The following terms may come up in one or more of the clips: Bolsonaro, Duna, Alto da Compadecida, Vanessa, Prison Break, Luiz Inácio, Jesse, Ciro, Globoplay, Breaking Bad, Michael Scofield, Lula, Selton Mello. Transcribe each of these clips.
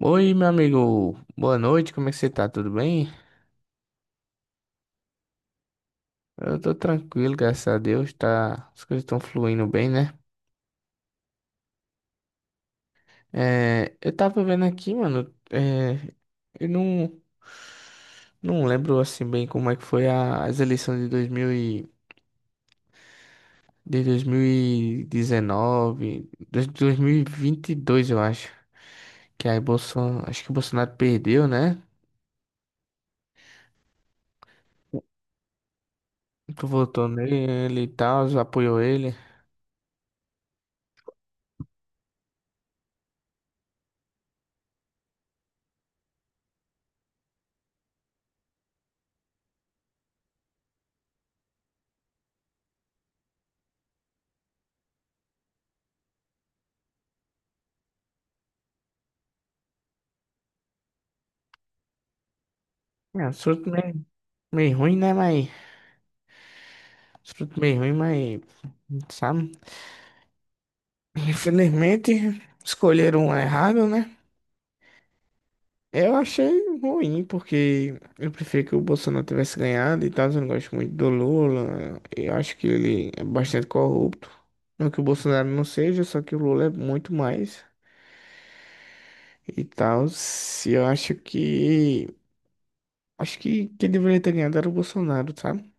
Oi, meu amigo. Boa noite, como é que você tá? Tudo bem? Eu tô tranquilo, graças a Deus, tá. As coisas estão fluindo bem, né? Eu tava vendo aqui, mano, eu não lembro, assim, bem como é que foi as eleições de 2000 e... de 2019, de dois, mil e vinte e dois, eu acho, que aí Bolsonaro, acho que o Bolsonaro perdeu, né? Tu votou nele e tal, apoiou ele. É, um surto meio ruim, né, mas... Fruto bem ruim, mas, sabe? Infelizmente, escolheram um errado, né? Eu achei ruim, porque eu prefiro que o Bolsonaro tivesse ganhado e tal. Eu não gosto muito do Lula. Eu acho que ele é bastante corrupto. Não que o Bolsonaro não seja, só que o Lula é muito mais e tal. Se eu acho que. Acho que quem deveria ter ganhado era o Bolsonaro, sabe?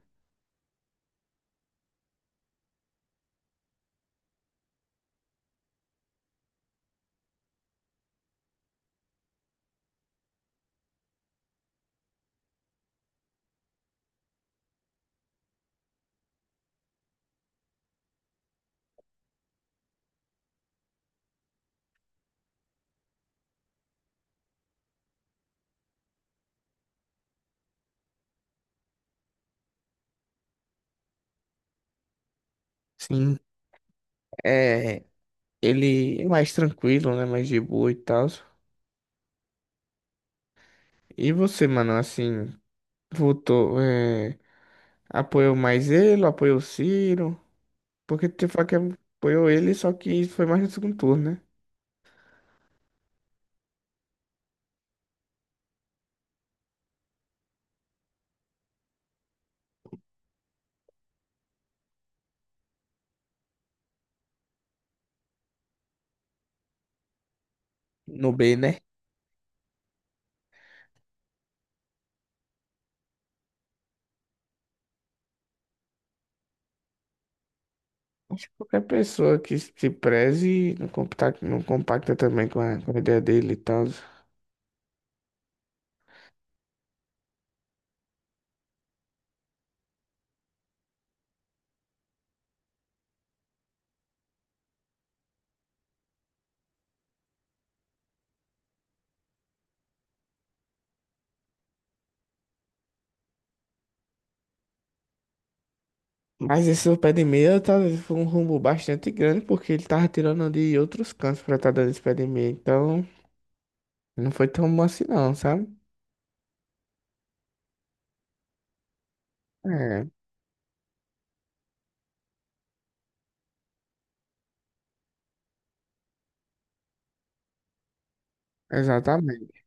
Sim. É. Ele é mais tranquilo, né? Mais de boa e tal. E você, mano, assim. Votou, é, apoiou mais ele, apoiou o Ciro, porque te fala que apoiou ele, só que foi mais no segundo turno, né? No B, né? Acho que qualquer pessoa que se preze não compacta, não compacta também com com a ideia dele e tal. Mas esse seu pé de meia talvez foi um rumbo bastante grande, porque ele tava tirando de outros cantos pra estar dando esse pé de meia. Então, não foi tão bom assim não, sabe? É, exatamente.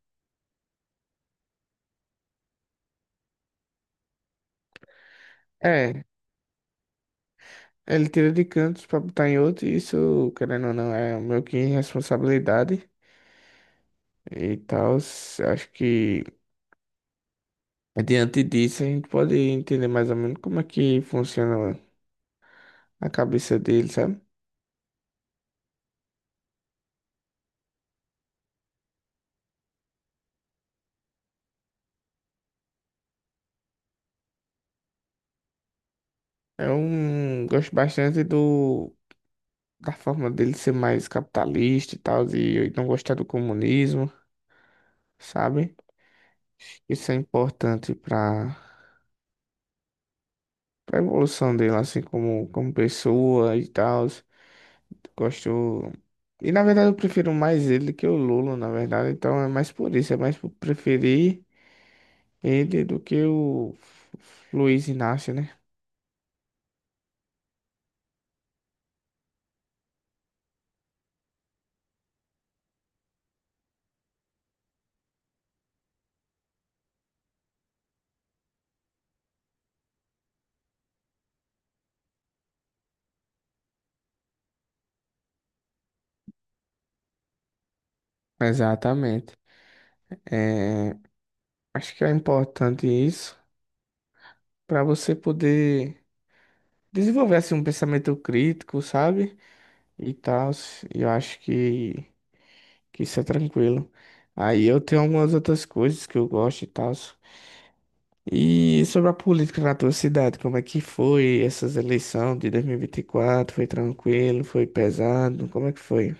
É, ele tira de cantos pra botar em outro, e isso, querendo ou não, é meio que responsabilidade e tal. Acho que diante disso a gente pode entender mais ou menos como é que funciona a cabeça dele, sabe? É um. Gosto bastante do da forma dele ser mais capitalista e tal, e não gostar do comunismo, sabe? Isso é importante pra para evolução dele, assim, como pessoa e tal. Gosto. E na verdade eu prefiro mais ele do que o Lula, na verdade. Então é mais por isso, é mais por preferir ele do que o Luiz Inácio, né? Exatamente. É, acho que é importante isso para você poder desenvolver assim, um pensamento crítico, sabe? E tal. E eu acho que isso é tranquilo. Aí eu tenho algumas outras coisas que eu gosto e tal. E sobre a política na tua cidade, como é que foi essas eleições de 2024? Foi tranquilo? Foi pesado? Como é que foi?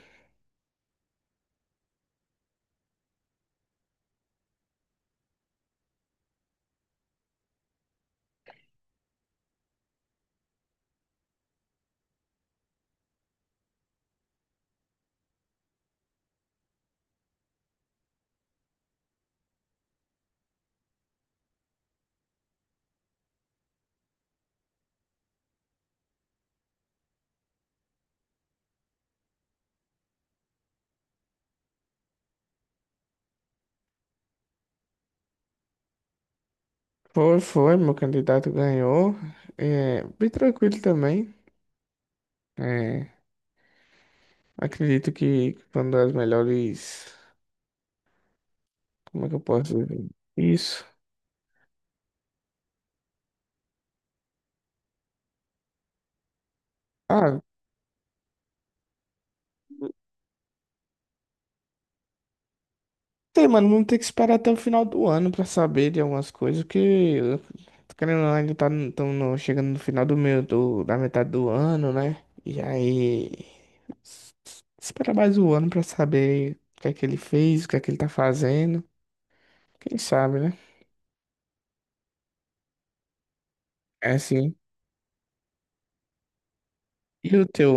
Foi, meu candidato ganhou. É, bem tranquilo também. É, acredito que foi uma das melhores. Como é que eu posso dizer isso? Ah, tem, mano, vamos ter que esperar até o final do ano pra saber de algumas coisas, que eu, tô querendo ou não, ainda tá no- tão no- chegando no final do meu, do, da metade do ano, né? E aí, esperar mais um ano pra saber o que é que ele fez, o que é que ele tá fazendo, quem sabe, né? É sim. E o teu?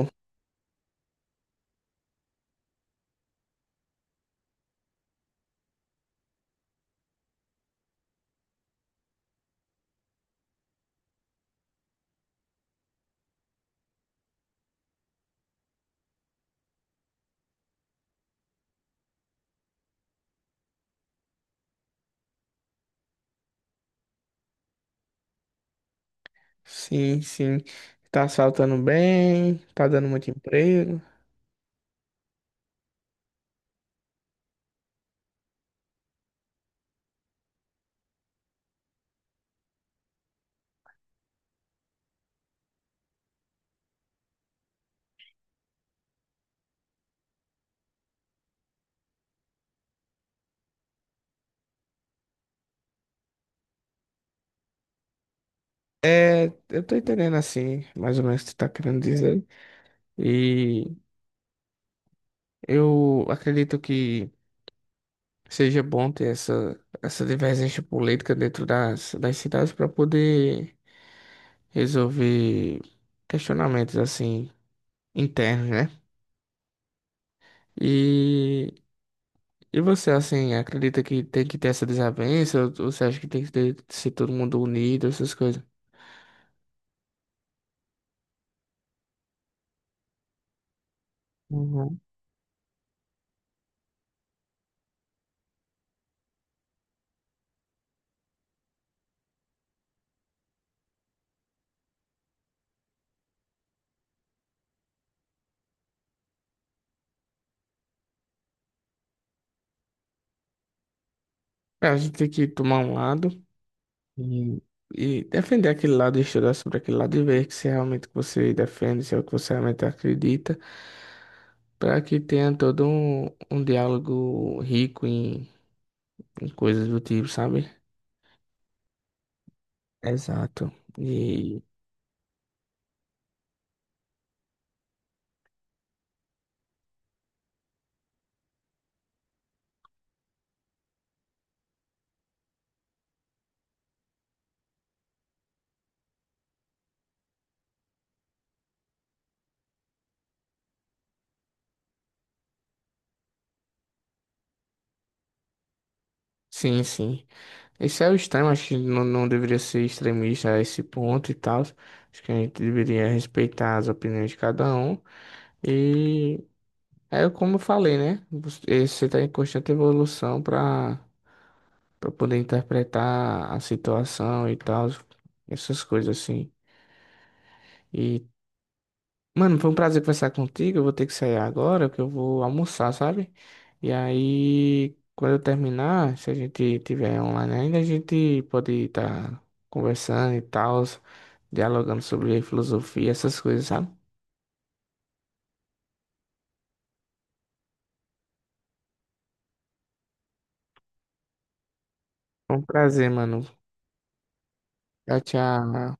Sim, sim. Tá saltando bem, tá dando muito emprego. É, eu tô entendendo assim, mais ou menos o que tu tá querendo dizer. E eu acredito que seja bom ter essa divergência política dentro das cidades para poder resolver questionamentos assim internos, né? E, e você assim acredita que tem que ter essa desavença? Ou você acha que tem que ter, ser todo mundo unido, essas coisas? Uhum. É, a gente tem que tomar um lado e, e defender aquele lado, estudar sobre aquele lado e ver se é realmente o que você defende, se é o que você realmente acredita, para que tenha todo um, um diálogo rico e coisas do tipo, sabe? Exato. E sim, sim. Esse é o extremo, acho que não, não deveria ser extremista a esse ponto e tal. Acho que a gente deveria respeitar as opiniões de cada um. E é como eu falei, né? Você está em constante evolução para poder interpretar a situação e tal, essas coisas assim. E mano, foi um prazer conversar contigo. Eu vou ter que sair agora, que eu vou almoçar, sabe? E aí, quando eu terminar, se a gente tiver online ainda, a gente pode estar conversando e tal, dialogando sobre filosofia, essas coisas, sabe? Foi um prazer, mano. Tchau, tchau.